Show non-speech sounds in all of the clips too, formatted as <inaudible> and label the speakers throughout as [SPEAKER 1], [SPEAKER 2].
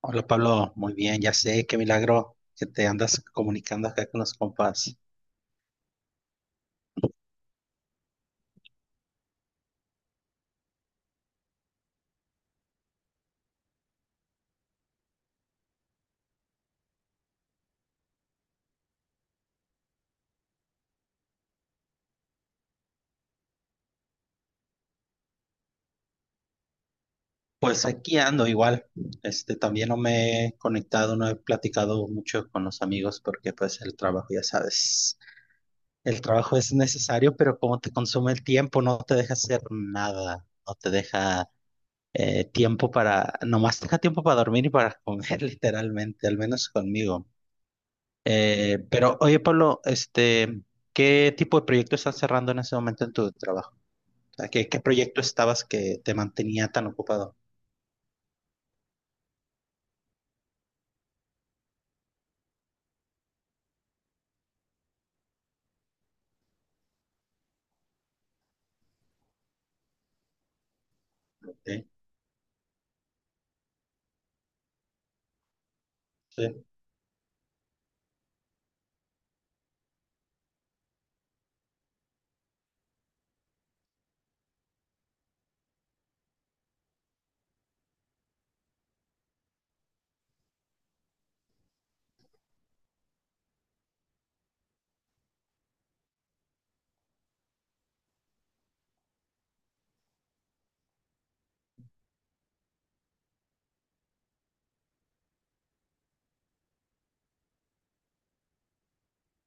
[SPEAKER 1] Hola Pablo, muy bien, ya sé, qué milagro que te andas comunicando acá con los compas. Pues aquí ando igual, también no me he conectado, no he platicado mucho con los amigos porque pues el trabajo, ya sabes, el trabajo es necesario, pero como te consume el tiempo, no te deja hacer nada, no te deja tiempo para, nomás te deja tiempo para dormir y para comer <laughs> literalmente, al menos conmigo. Pero oye Pablo, ¿qué tipo de proyecto estás cerrando en ese momento en tu trabajo? O sea, ¿qué proyecto estabas que te mantenía tan ocupado? Ok, sí,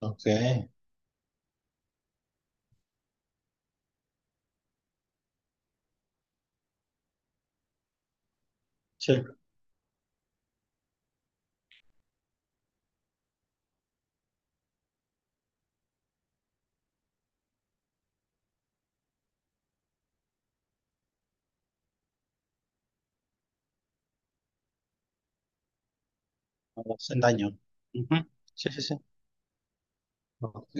[SPEAKER 1] ok, sí, no hacen daño. Ujú. Sí, sí, sí. Ok,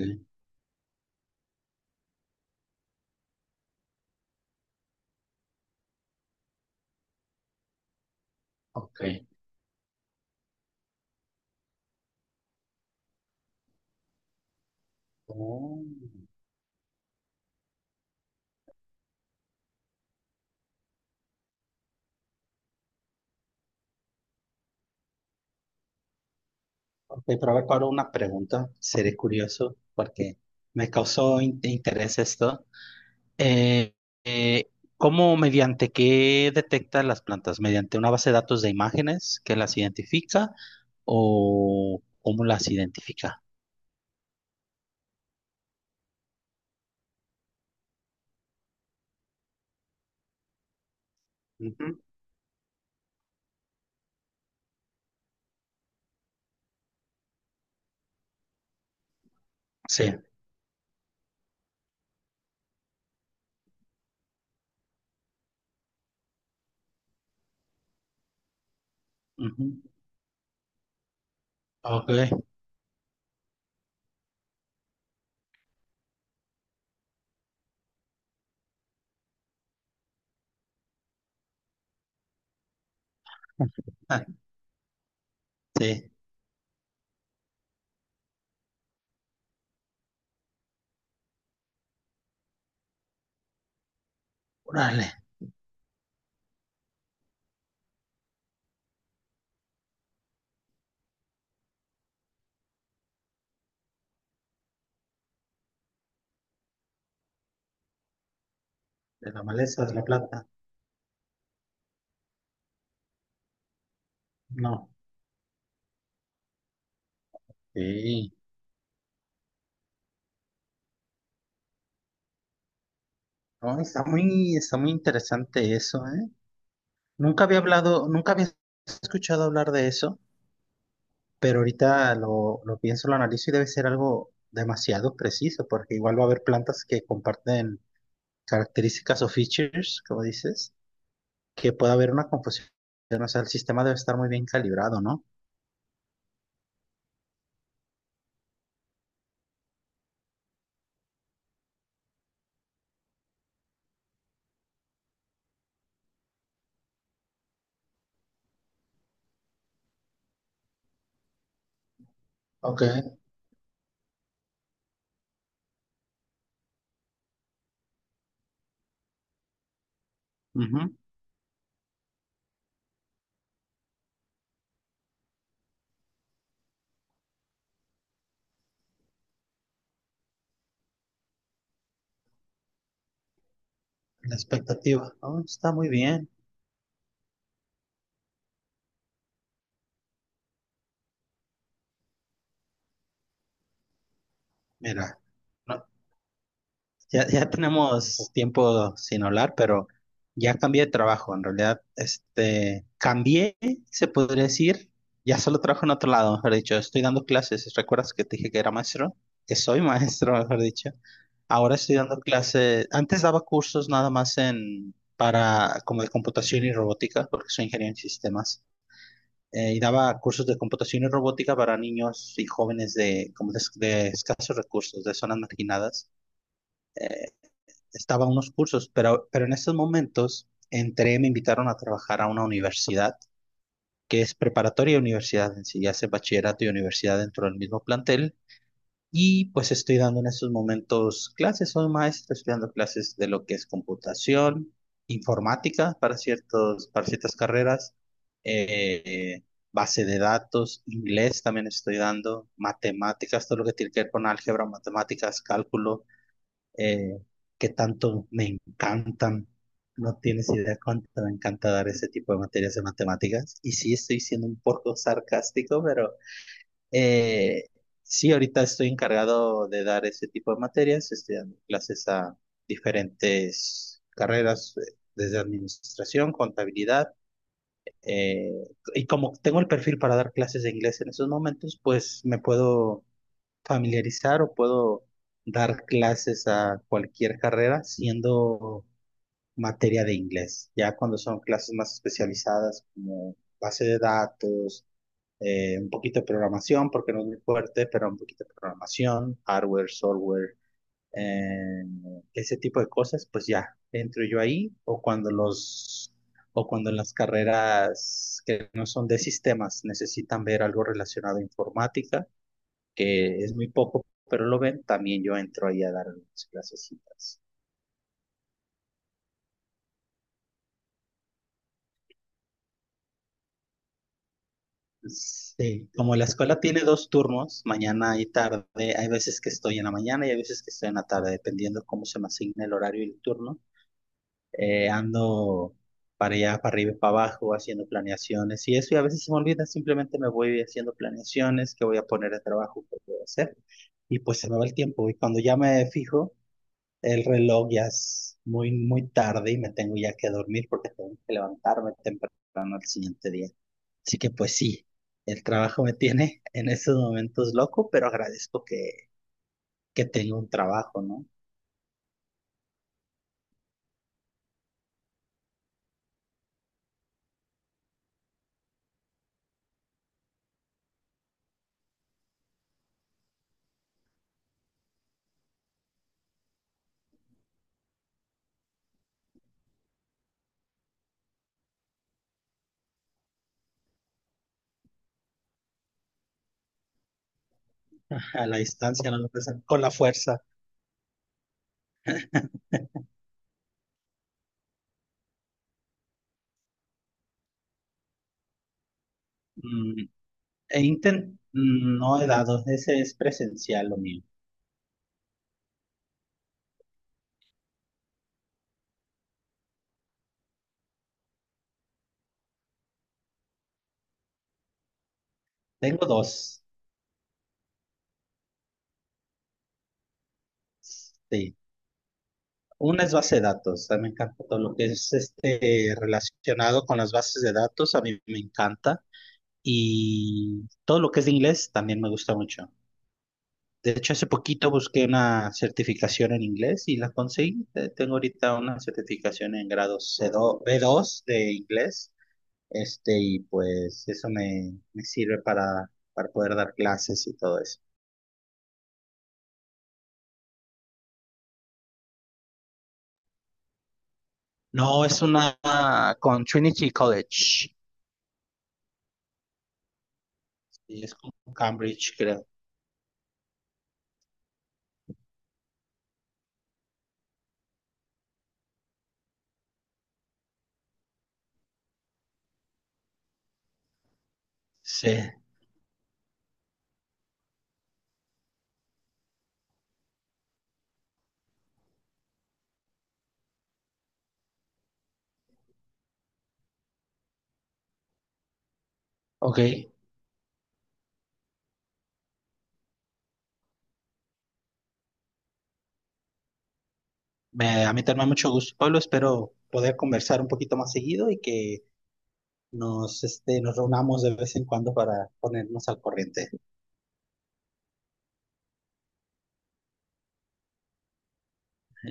[SPEAKER 1] ok. Oh, ok, pero a ver, Pablo, una pregunta. Seré curioso porque me causó interés esto. Eh, eh, ¿Cómo, mediante qué detecta las plantas? ¿Mediante una base de datos de imágenes que las identifica o cómo las identifica? Ujú. Sí. Ujú. Ok. <laughs> Sí, órale, de la maleza de la plata. No, sí. No, está muy interesante eso, ¿eh? Nunca había hablado, nunca había escuchado hablar de eso, pero ahorita lo pienso, lo analizo y debe ser algo demasiado preciso, porque igual va a haber plantas que comparten características o features, como dices, que puede haber una confusión. O sea, el sistema debe estar muy bien calibrado, ¿no? Ok. Ujú. La expectativa. Oh, está muy bien. Mira. No, ya, ya tenemos tiempo sin hablar, pero ya cambié de trabajo. En realidad, cambié, se podría decir. Ya solo trabajo en otro lado, mejor dicho. Estoy dando clases. ¿Recuerdas que te dije que era maestro? Que soy maestro, <laughs> mejor dicho. Ahora estoy dando clases. Antes daba cursos nada más en, para, como de computación y robótica, porque soy ingeniero en sistemas. Y daba cursos de computación y robótica para niños y jóvenes de, como de escasos recursos, de zonas marginadas, eh, estaba en unos cursos, pero, en estos momentos entré, me invitaron a trabajar a una universidad, que es preparatoria y universidad en sí, ya hace bachillerato y universidad dentro del mismo plantel. Y pues estoy dando en estos momentos clases, soy maestro, estoy dando clases de lo que es computación, informática para, para ciertas carreras, eh, base de datos, inglés también estoy dando, matemáticas, todo lo que tiene que ver con álgebra, matemáticas, cálculo, eh, que tanto me encantan. No tienes idea cuánto me encanta dar ese tipo de materias de matemáticas. Y sí, estoy siendo un poco sarcástico, pero eh, sí, ahorita estoy encargado de dar ese tipo de materias. Estoy dando clases a diferentes carreras, desde administración, contabilidad. eh, y como tengo el perfil para dar clases de inglés en esos momentos, pues me puedo familiarizar o puedo dar clases a cualquier carrera siendo materia de inglés. Ya cuando son clases más especializadas como base de datos, un poquito de programación, porque no es muy fuerte, pero un poquito de programación, hardware, software, eh, ese tipo de cosas, pues ya entro yo ahí o cuando los... o cuando en las carreras que no son de sistemas necesitan ver algo relacionado a informática, que es muy poco, pero lo ven, también yo entro ahí a dar mis clasecitas. Sí, como la escuela tiene dos turnos, mañana y tarde, hay veces que estoy en la mañana y hay veces que estoy en la tarde, dependiendo cómo se me asigne el horario y el turno. Ando para allá, para arriba y para abajo, haciendo planeaciones y eso, y a veces se me olvida, simplemente me voy haciendo planeaciones, qué voy a poner de trabajo, qué voy a hacer, y pues se me va el tiempo, y cuando ya me fijo, el reloj ya es muy, muy tarde y me tengo ya que dormir porque tengo que levantarme temprano al siguiente día. Así que pues sí, el trabajo me tiene <laughs> en estos momentos loco, pero agradezco que tengo un trabajo, ¿no? A la distancia, no lo presen- con la fuerza. Mm, no he dado, ese es presencial lo mío. Tengo dos, sí. Una es base de datos, a mí me encanta todo lo que es este relacionado con las bases de datos, a mí me encanta. Y todo lo que es de inglés también me gusta mucho. De hecho, hace poquito busqué una certificación en inglés y la conseguí. Tengo ahorita una certificación en grado C2 B2 de inglés. Y pues eso me sirve para, poder dar clases y todo eso. No, es una con Trinity College. Y es con Cambridge, creo. Sí, ok. A mí también me da mucho gusto, Pablo. Espero poder conversar un poquito más seguido y que nos reunamos de vez en cuando para ponernos al corriente.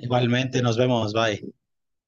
[SPEAKER 1] Igualmente, nos vemos, bye.